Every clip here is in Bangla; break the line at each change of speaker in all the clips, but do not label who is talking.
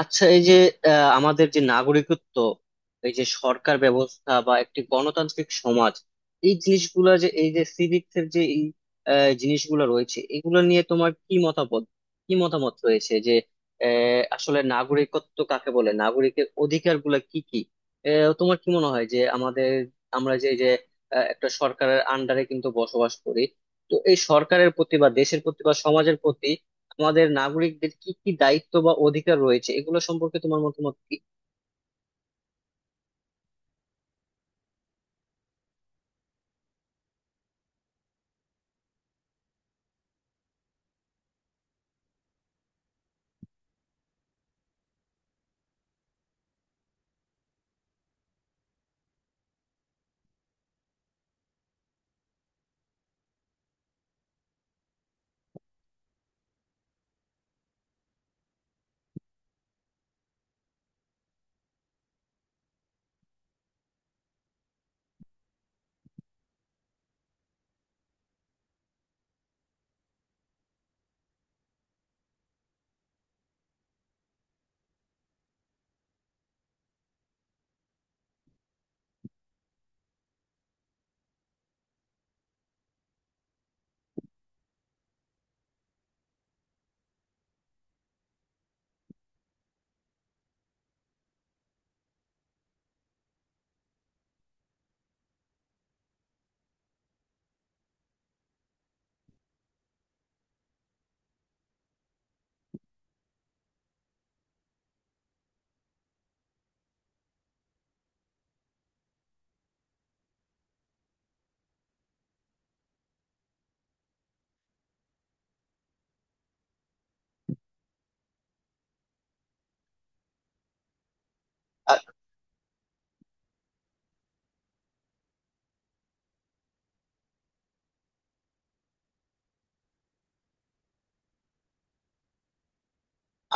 আচ্ছা, এই যে আহ, আমাদের যে নাগরিকত্ব, এই যে সরকার ব্যবস্থা বা একটি গণতান্ত্রিক সমাজ, এই জিনিসগুলো যে এই যে সিভিক্স এর যে এই জিনিসগুলো রয়েছে, এগুলো নিয়ে তোমার কি মতামত, কি মতামত রয়েছে যে আসলে নাগরিকত্ব কাকে বলে, নাগরিকের অধিকার গুলা কি কি? তোমার কি মনে হয় যে আমাদের, আমরা যে যে একটা সরকারের আন্ডারে কিন্তু বসবাস করি, তো এই সরকারের প্রতি বা দেশের প্রতি বা সমাজের প্রতি আমাদের নাগরিকদের কি কি দায়িত্ব বা অধিকার রয়েছে এগুলো সম্পর্কে তোমার মতামত কি? আর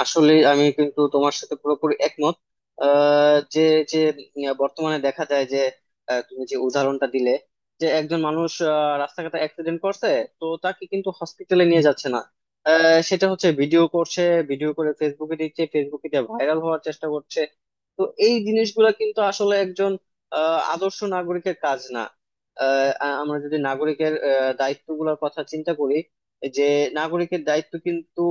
আসলে আমি কিন্তু তোমার সাথে পুরোপুরি একমত আহ, যে যে উম, বর্তমানে দেখা যায় যে তুমি যে উদাহরণটা দিলে, যে একজন মানুষ রাস্তাঘাটে অ্যাক্সিডেন্ট করছে, তো তাকে কিন্তু হসপিটালে নিয়ে যাচ্ছে না, সেটা হচ্ছে ভিডিও করছে, ভিডিও করে ফেসবুকে দিচ্ছে, ফেসবুকে দিয়ে ভাইরাল হওয়ার চেষ্টা করছে। তো এই জিনিসগুলো কিন্তু আসলে একজন আদর্শ নাগরিকের কাজ না। আমরা যদি নাগরিকের দায়িত্বগুলোর কথা চিন্তা করি, যে নাগরিকের দায়িত্ব কিন্তু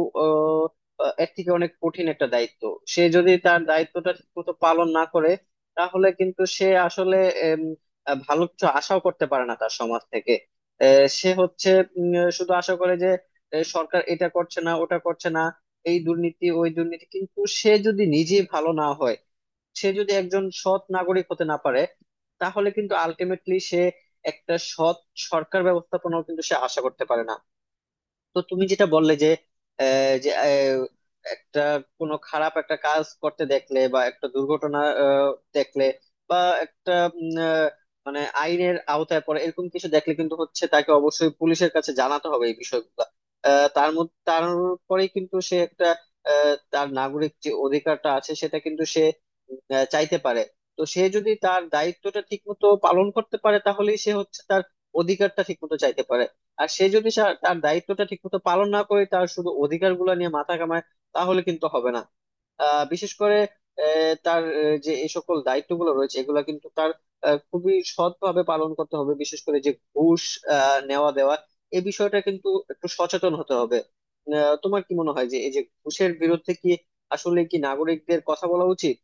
এর থেকে অনেক কঠিন একটা দায়িত্ব। সে যদি তার দায়িত্বটা ঠিকমতো পালন না করে, তাহলে কিন্তু সে আসলে এম, ভালো কিছু আশাও করতে পারে না তার সমাজ থেকে। আহ, সে হচ্ছে শুধু আশা করে যে সরকার এটা করছে না ওটা করছে না, এই দুর্নীতি ওই দুর্নীতি, কিন্তু সে যদি নিজে ভালো না হয়, সে যদি একজন সৎ নাগরিক হতে না পারে, তাহলে কিন্তু আলটিমেটলি সে একটা সৎ সরকার ব্যবস্থাপনাও কিন্তু সে আশা করতে পারে না। তো তুমি যেটা বললে যে, আহ, যে আহ, একটা কোনো খারাপ একটা কাজ করতে দেখলে বা একটা দুর্ঘটনা দেখলে, বা একটা উম, আহ, মানে আইনের আওতায় পড়ে এরকম কিছু দেখলে কিন্তু হচ্ছে তাকে অবশ্যই পুলিশের কাছে জানাতে হবে এই বিষয়গুলো। তার মধ্যে তারপরেই কিন্তু সে একটা, তার নাগরিক যে অধিকারটা আছে সেটা কিন্তু সে চাইতে পারে। তো সে যদি তার দায়িত্বটা ঠিক মতো পালন করতে পারে তাহলেই সে হচ্ছে তার অধিকারটা ঠিক মতো চাইতে পারে। আর সে যদি তার দায়িত্বটা ঠিকমতো পালন না করে, তার শুধু অধিকার গুলা নিয়ে মাথা কামায়, তাহলে কিন্তু হবে না। বিশেষ করে যে এই সকল দায়িত্বগুলো রয়েছে এগুলা কিন্তু তার খুবই সৎভাবে পালন করতে হবে, বিশেষ করে যে ঘুষ নেওয়া দেওয়া এই বিষয়টা কিন্তু একটু সচেতন হতে হবে। তোমার কি মনে হয় যে এই যে ঘুষের বিরুদ্ধে কি, আসলে কি নাগরিকদের কথা বলা উচিত?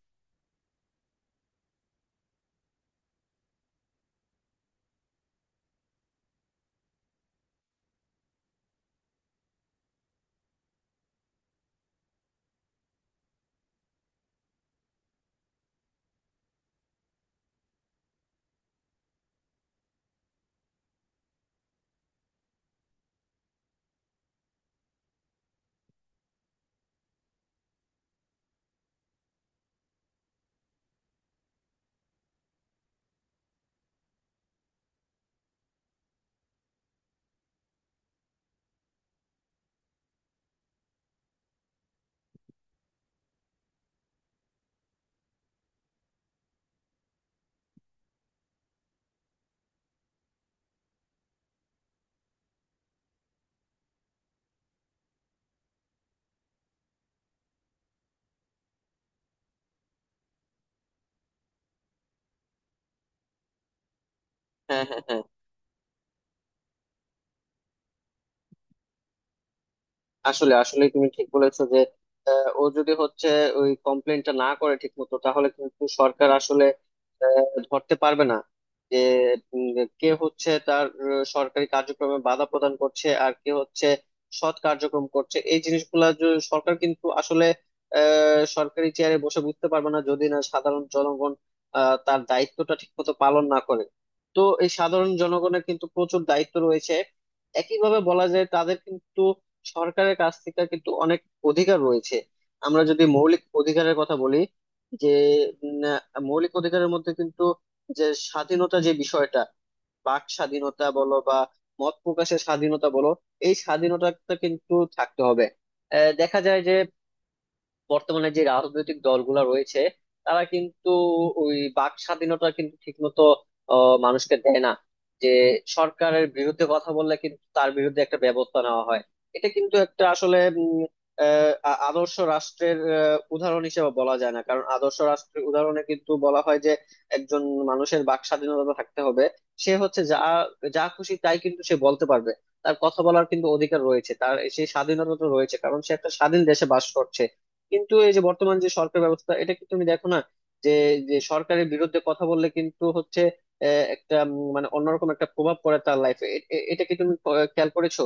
হ্যাঁ, হ্যাঁ, হ্যাঁ। আসলে আসলে তুমি ঠিক বলেছো যে ও যদি হচ্ছে ওই কমপ্লেনটা না করে ঠিক মতো, তাহলে কিন্তু সরকার আসলে আহ, ধরতে পারবে না যে উম, কে হচ্ছে তার সরকারি কার্যক্রমে বাধা প্রদান করছে আর কে হচ্ছে সৎ কার্যক্রম করছে। এই জিনিসগুলা সরকার কিন্তু আসলে সরকারি চেয়ারে বসে বুঝতে পারবে না যদি না সাধারণ জনগণ তার দায়িত্বটা ঠিক মতো পালন না করে। তো এই সাধারণ জনগণের কিন্তু প্রচুর দায়িত্ব রয়েছে। একইভাবে বলা যায় তাদের কিন্তু সরকারের কাছ থেকে কিন্তু অনেক অধিকার রয়েছে। আমরা যদি মৌলিক অধিকারের কথা বলি, যে মৌলিক অধিকারের মধ্যে কিন্তু যে স্বাধীনতা যে বিষয়টা, বাক স্বাধীনতা বলো বা মত প্রকাশের স্বাধীনতা বলো, এই স্বাধীনতাটা কিন্তু থাকতে হবে। দেখা যায় যে বর্তমানে যে রাজনৈতিক দলগুলো রয়েছে তারা কিন্তু ওই বাক স্বাধীনতা কিন্তু ঠিকমতো মানুষকে দেয় না। যে সরকারের বিরুদ্ধে কথা বললে কিন্তু তার বিরুদ্ধে একটা ব্যবস্থা নেওয়া হয়। এটা কিন্তু একটা আসলে আদর্শ রাষ্ট্রের উদাহরণ হিসেবে বলা যায় না, কারণ আদর্শ রাষ্ট্রের উদাহরণে কিন্তু বলা হয় যে একজন মানুষের বাক স্বাধীনতা থাকতে হবে। সে হচ্ছে যা যা খুশি তাই কিন্তু সে বলতে পারবে। তার কথা বলার কিন্তু অধিকার রয়েছে, তার সেই স্বাধীনতা তো রয়েছে, কারণ সে একটা স্বাধীন দেশে বাস করছে। কিন্তু এই যে বর্তমান যে সরকার ব্যবস্থা, এটা কি তুমি দেখো না যে যে সরকারের বিরুদ্ধে কথা বললে কিন্তু হচ্ছে একটা মানে অন্যরকম একটা প্রভাব পড়ে তার লাইফে? এটা কি তুমি খেয়াল করেছো?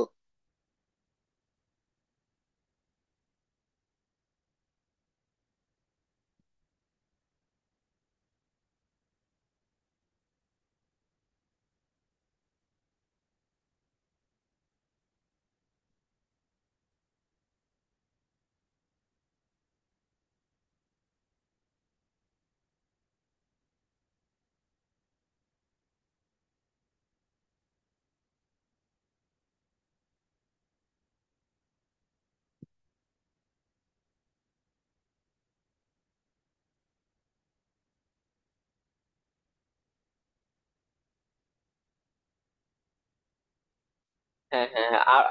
হ্যাঁ, হ্যাঁ, হ্যাঁ, আর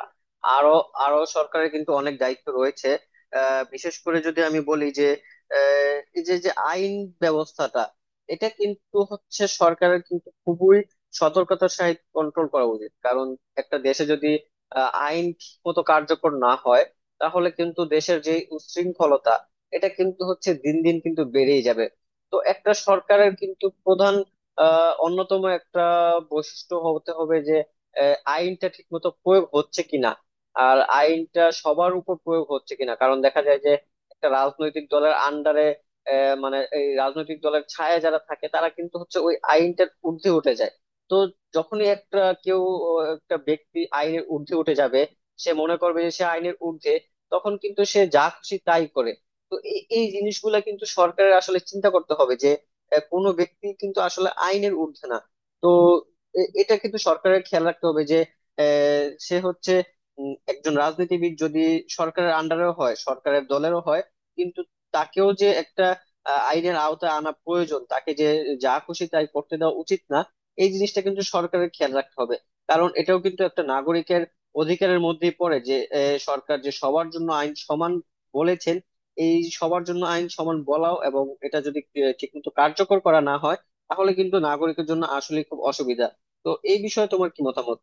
আরো আরো সরকারের কিন্তু অনেক দায়িত্ব রয়েছে। বিশেষ করে যদি আমি বলি যে আহ, এই যে যে আইন ব্যবস্থাটা এটা কিন্তু হচ্ছে সরকারের কিন্তু খুবই সতর্কতার সহিত কন্ট্রোল করা উচিত, কারণ একটা দেশে যদি আইন ঠিক মতো কার্যকর না হয়, তাহলে কিন্তু দেশের যে উচ্ছৃঙ্খলতা এটা কিন্তু হচ্ছে দিন দিন কিন্তু বেড়েই যাবে। তো একটা সরকারের কিন্তু প্রধান অন্যতম একটা বৈশিষ্ট্য হতে হবে যে আইনটা ঠিকমতো প্রয়োগ হচ্ছে কিনা, আর আইনটা সবার উপর প্রয়োগ হচ্ছে কিনা, কারণ দেখা যায় যে একটা রাজনৈতিক দলের আন্ডারে, মানে এই রাজনৈতিক দলের ছায়া যারা থাকে তারা কিন্তু হচ্ছে ওই আইনটার ঊর্ধ্বে উঠে যায়। তো যখনই একটা কেউ, একটা ব্যক্তি আইনের ঊর্ধ্বে উঠে যাবে, সে মনে করবে যে সে আইনের ঊর্ধ্বে, তখন কিন্তু সে যা খুশি তাই করে। তো এই এই জিনিসগুলা কিন্তু সরকারের আসলে চিন্তা করতে হবে যে কোনো ব্যক্তি কিন্তু আসলে আইনের ঊর্ধ্বে না। তো এটা কিন্তু সরকারের খেয়াল রাখতে হবে যে সে হচ্ছে, একজন রাজনীতিবিদ যদি সরকারের আন্ডারেও হয়, সরকারের দলেরও হয়, কিন্তু তাকেও যে একটা আইনের আওতায় আনা প্রয়োজন, তাকে যে যা খুশি তাই করতে দেওয়া উচিত না। এই জিনিসটা কিন্তু সরকারের খেয়াল রাখতে হবে, কারণ এটাও কিন্তু একটা নাগরিকের অধিকারের মধ্যেই পড়ে যে সরকার যে সবার জন্য আইন সমান বলেছেন। এই সবার জন্য আইন সমান বলাও এবং এটা যদি ঠিক মতো কার্যকর করা না হয়, তাহলে কিন্তু নাগরিকের জন্য আসলে খুব অসুবিধা। তো এই বিষয়ে তোমার কি মতামত?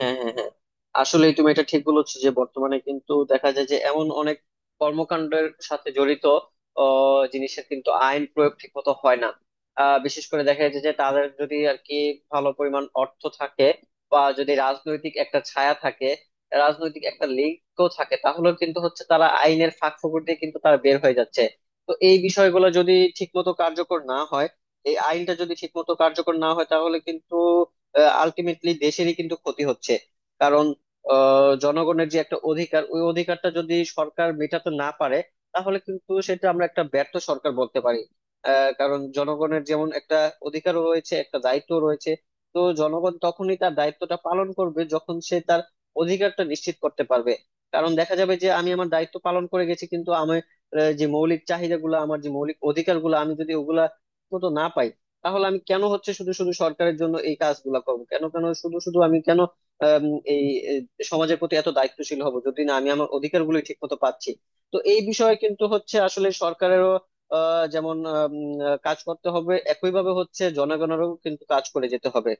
হ্যাঁ, হ্যাঁ, হ্যাঁ। আসলে তুমি এটা ঠিক বলেছো যে বর্তমানে কিন্তু দেখা যায় যে এমন অনেক কর্মকাণ্ডের সাথে জড়িত জিনিসের কিন্তু আইন প্রয়োগ ঠিক মতো হয় না। বিশেষ করে দেখা যাচ্ছে যে তাদের যদি আর কি ভালো পরিমাণ অর্থ থাকে, বা যদি রাজনৈতিক একটা ছায়া থাকে, রাজনৈতিক একটা লিঙ্ক থাকে, তাহলে কিন্তু হচ্ছে তারা আইনের ফাঁক ফোকর দিয়ে কিন্তু তারা বের হয়ে যাচ্ছে। তো এই বিষয়গুলো যদি ঠিক মতো কার্যকর না হয়, এই আইনটা যদি ঠিক মতো কার্যকর না হয়, তাহলে কিন্তু আলটিমেটলি দেশেরই কিন্তু ক্ষতি হচ্ছে। কারণ জনগণের যে একটা অধিকার, ওই অধিকারটা যদি সরকার মেটাতে না পারে, তাহলে কিন্তু সেটা আমরা একটা ব্যর্থ সরকার বলতে পারি। কারণ জনগণের যেমন একটা অধিকারও রয়েছে, একটা দায়িত্ব রয়েছে। তো জনগণ তখনই তার দায়িত্বটা পালন করবে যখন সে তার অধিকারটা নিশ্চিত করতে পারবে। কারণ দেখা যাবে যে আমি আমার দায়িত্ব পালন করে গেছি, কিন্তু আমি যে মৌলিক চাহিদাগুলো আমার, যে মৌলিক অধিকারগুলো আমি যদি ওগুলা মতো না পাই, তাহলে আমি কেন হচ্ছে শুধু শুধু সরকারের জন্য এই কাজগুলা করব, কেন কেন শুধু শুধু আমি কেন আম, এই এই সমাজের প্রতি এত দায়িত্বশীল হব যদি না আমি আমার অধিকারগুলো ঠিক মতো পাচ্ছি? তো এই বিষয়ে কিন্তু হচ্ছে আসলে সরকারেরও আহ, যেমন আম, আহ, কাজ করতে হবে, একইভাবে হচ্ছে জনগণেরও কিন্তু কাজ করে যেতে হবে।